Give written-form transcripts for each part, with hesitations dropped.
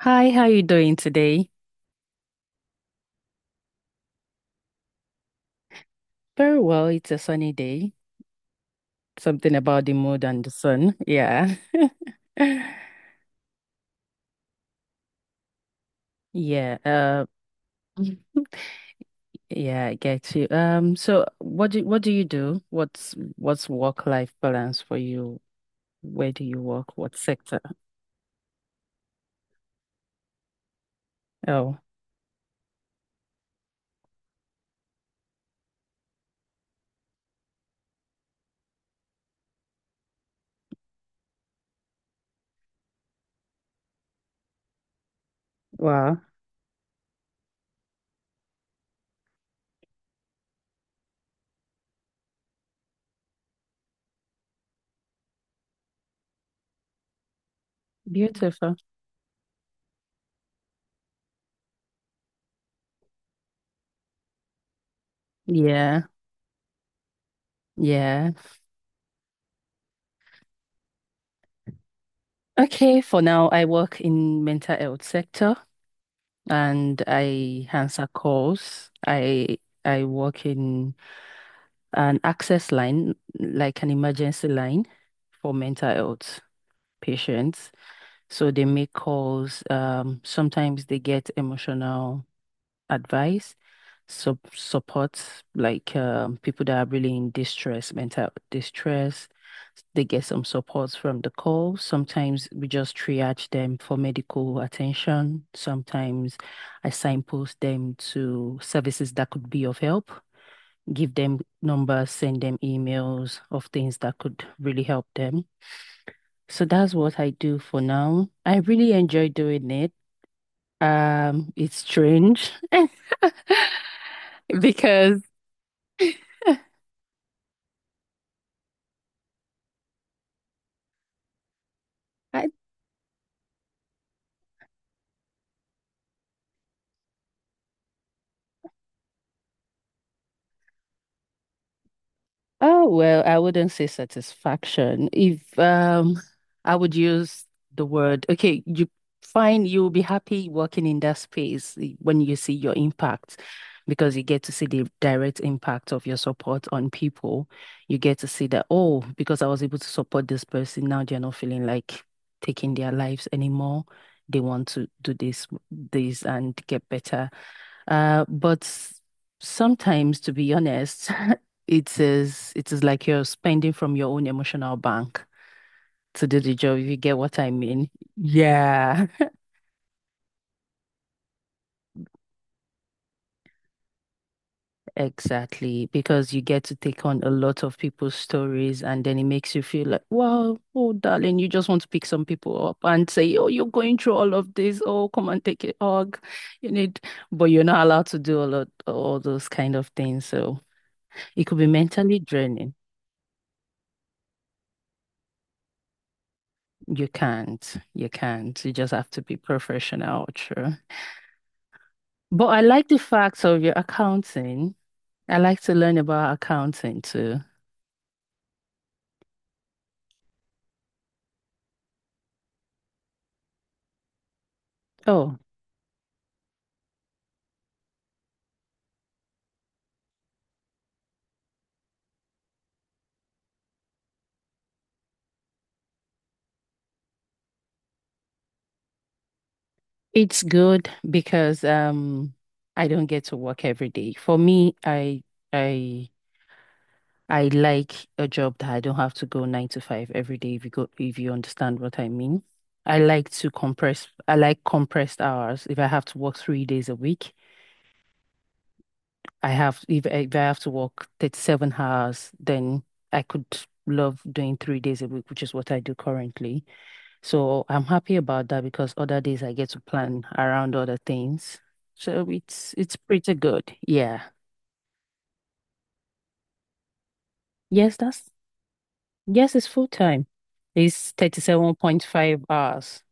Hi, how you doing today? Very well. It's a sunny day. Something about the mood and the sun. Yeah. Yeah. Yeah, I get you. So what do you do? What's work-life balance for you? Where do you work? What sector? Oh, wow. Beautiful. Yeah. Yeah. Okay, for now, I work in mental health sector and I answer calls. I work in an access line, like an emergency line for mental health patients. So they make calls. Sometimes they get emotional advice, sub support, like people that are really in distress, mental distress. They get some support from the call. Sometimes we just triage them for medical attention. Sometimes I signpost them to services that could be of help, give them numbers, send them emails of things that could really help them. So that's what I do for now. I really enjoy doing it. It's strange. Oh, well, I wouldn't say satisfaction. If I would use the word, okay, you find you'll be happy working in that space when you see your impact because you get to see the direct impact of your support on people. You get to see that, oh, because I was able to support this person, now they're not feeling like taking their lives anymore. They want to do this, this and get better, but sometimes, to be honest, it is like you're spending from your own emotional bank to do the job, if you get what I mean. Yeah, exactly. Because you get to take on a lot of people's stories, and then it makes you feel like, wow, oh, darling, you just want to pick some people up and say, oh, you're going through all of this. Oh, come and take a hug. You need, but you're not allowed to do a lot, all those kind of things. So it could be mentally draining. You can't. You can't. You just have to be professional, true. But I like the facts of your accounting. I like to learn about accounting too. Oh, it's good because I don't get to work every day. For me, I I like a job that I don't have to go nine to five every day if you understand what I mean. I like compressed hours. If I have to work 3 days a week, I have if I have to work 37 hours, then I could love doing 3 days a week, which is what I do currently. So I'm happy about that because other days I get to plan around other things. So it's pretty good. Yeah. Yes, it's full time. It's 37.5 hours.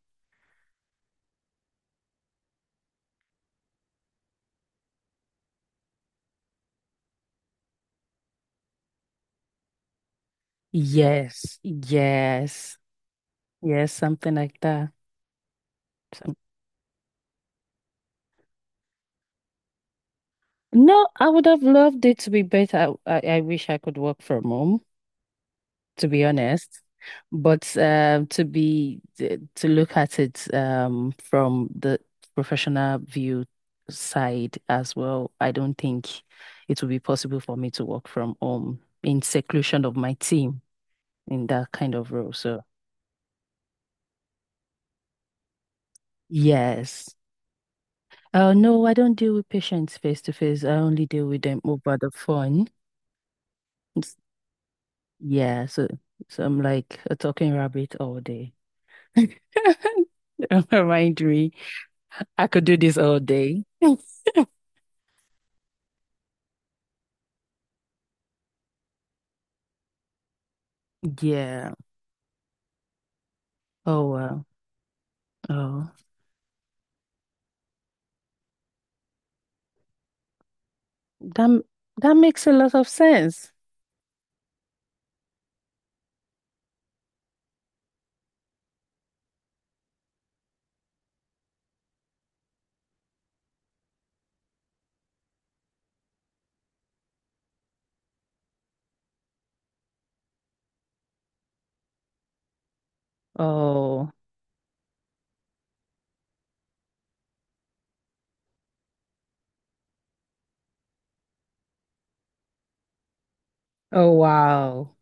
Yes, yes, yes, something like that. Some- no, I would have loved it to be better. I wish I could work from home, to be honest. But To look at it, from the professional view side as well, I don't think it will be possible for me to work from home in seclusion of my team in that kind of role. So yes. No, I don't deal with patients face to face. I only deal with them over the phone. It's- Yeah, so so I'm like a talking rabbit all day. Don't mind me. I could do this all day. Yeah. Oh wow. Oh, that makes a lot of sense. Oh, oh wow.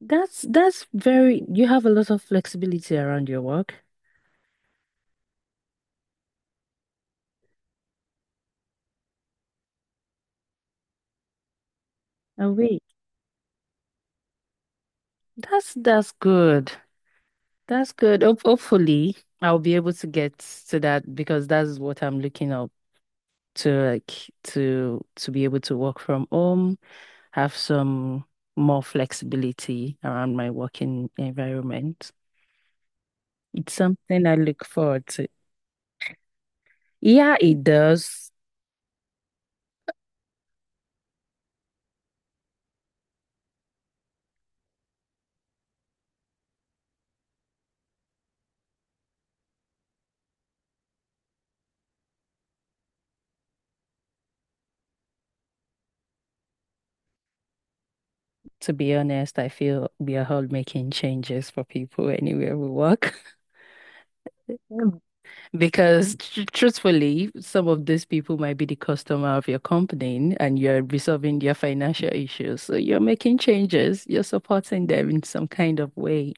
That's very. You have a lot of flexibility around your work. Oh wait, that's good. That's good. Hopefully, I'll be able to get to that because that's what I'm looking up to, like to be able to work from home, have some more flexibility around my working environment. It's something I look forward to. Yeah, it does. To be honest, I feel we are all making changes for people anywhere we work. Mm. Because tr truthfully, some of these people might be the customer of your company and you're resolving their financial issues. So you're making changes, you're supporting them in some kind of way.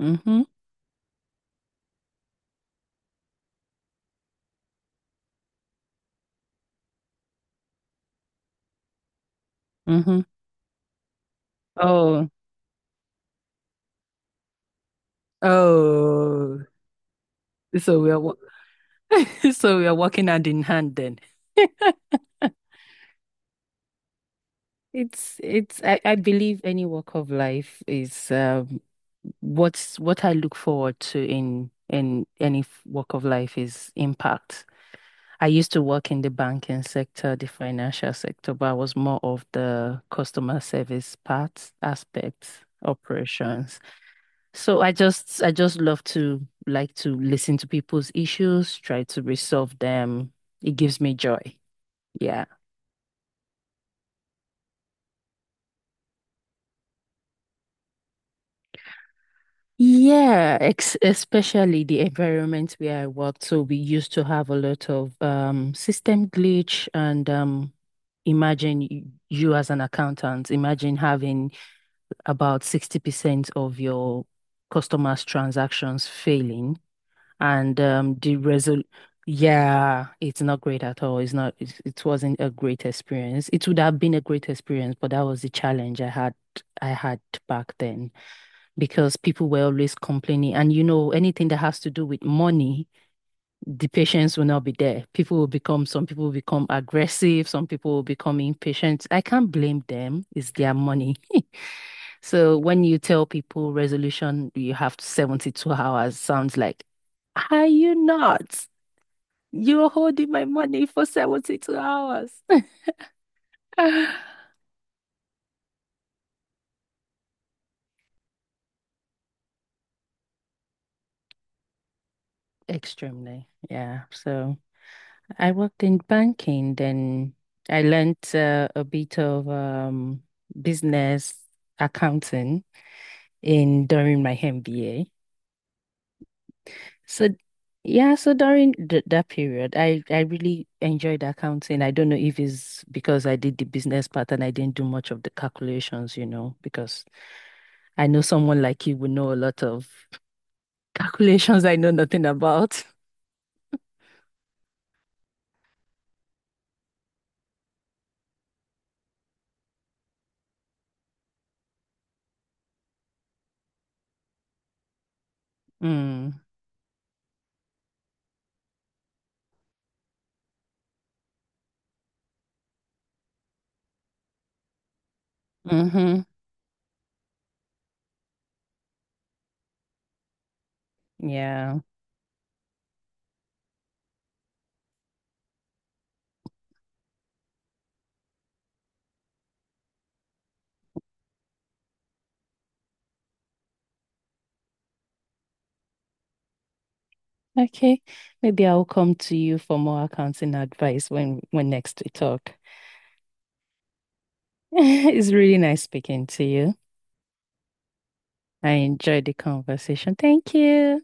Mm-hmm. Mm-hmm. Oh, oh. So we are wo- so we are working hand in hand then. It's I believe any walk of life is what I look forward to in walk of life is impact. I used to work in the banking sector, the financial sector, but I was more of the customer service part, aspects, operations. So I just love to to listen to people's issues, try to resolve them. It gives me joy. Yeah. Yeah, ex especially the environment where I worked. So we used to have a lot of system glitch and imagine y- you as an accountant, imagine having about 60% of your customers' transactions failing and the result. Yeah, it's not great at all. It's not, it wasn't a great experience. It would have been a great experience, but that was the challenge I had back then because people were always complaining. And you know, anything that has to do with money, the patients will not be there. Some people will become aggressive, some people will become impatient. I can't blame them. It's their money. So when you tell people resolution, you have 72 hours, sounds like, are you not? You're holding my money for 72 hours. Extremely. Yeah. So. I worked in banking, then I learnt a bit of business accounting in during my MBA. So yeah, so during th that period, I really enjoyed accounting. I don't know if it's because I did the business part and I didn't do much of the calculations, you know, because I know someone like you would know a lot of calculations I know nothing about. Mm. Hmm. Yeah. Okay. Maybe I'll come to you for more accounting advice when next we talk. It's really nice speaking to you. I enjoyed the conversation. Thank you.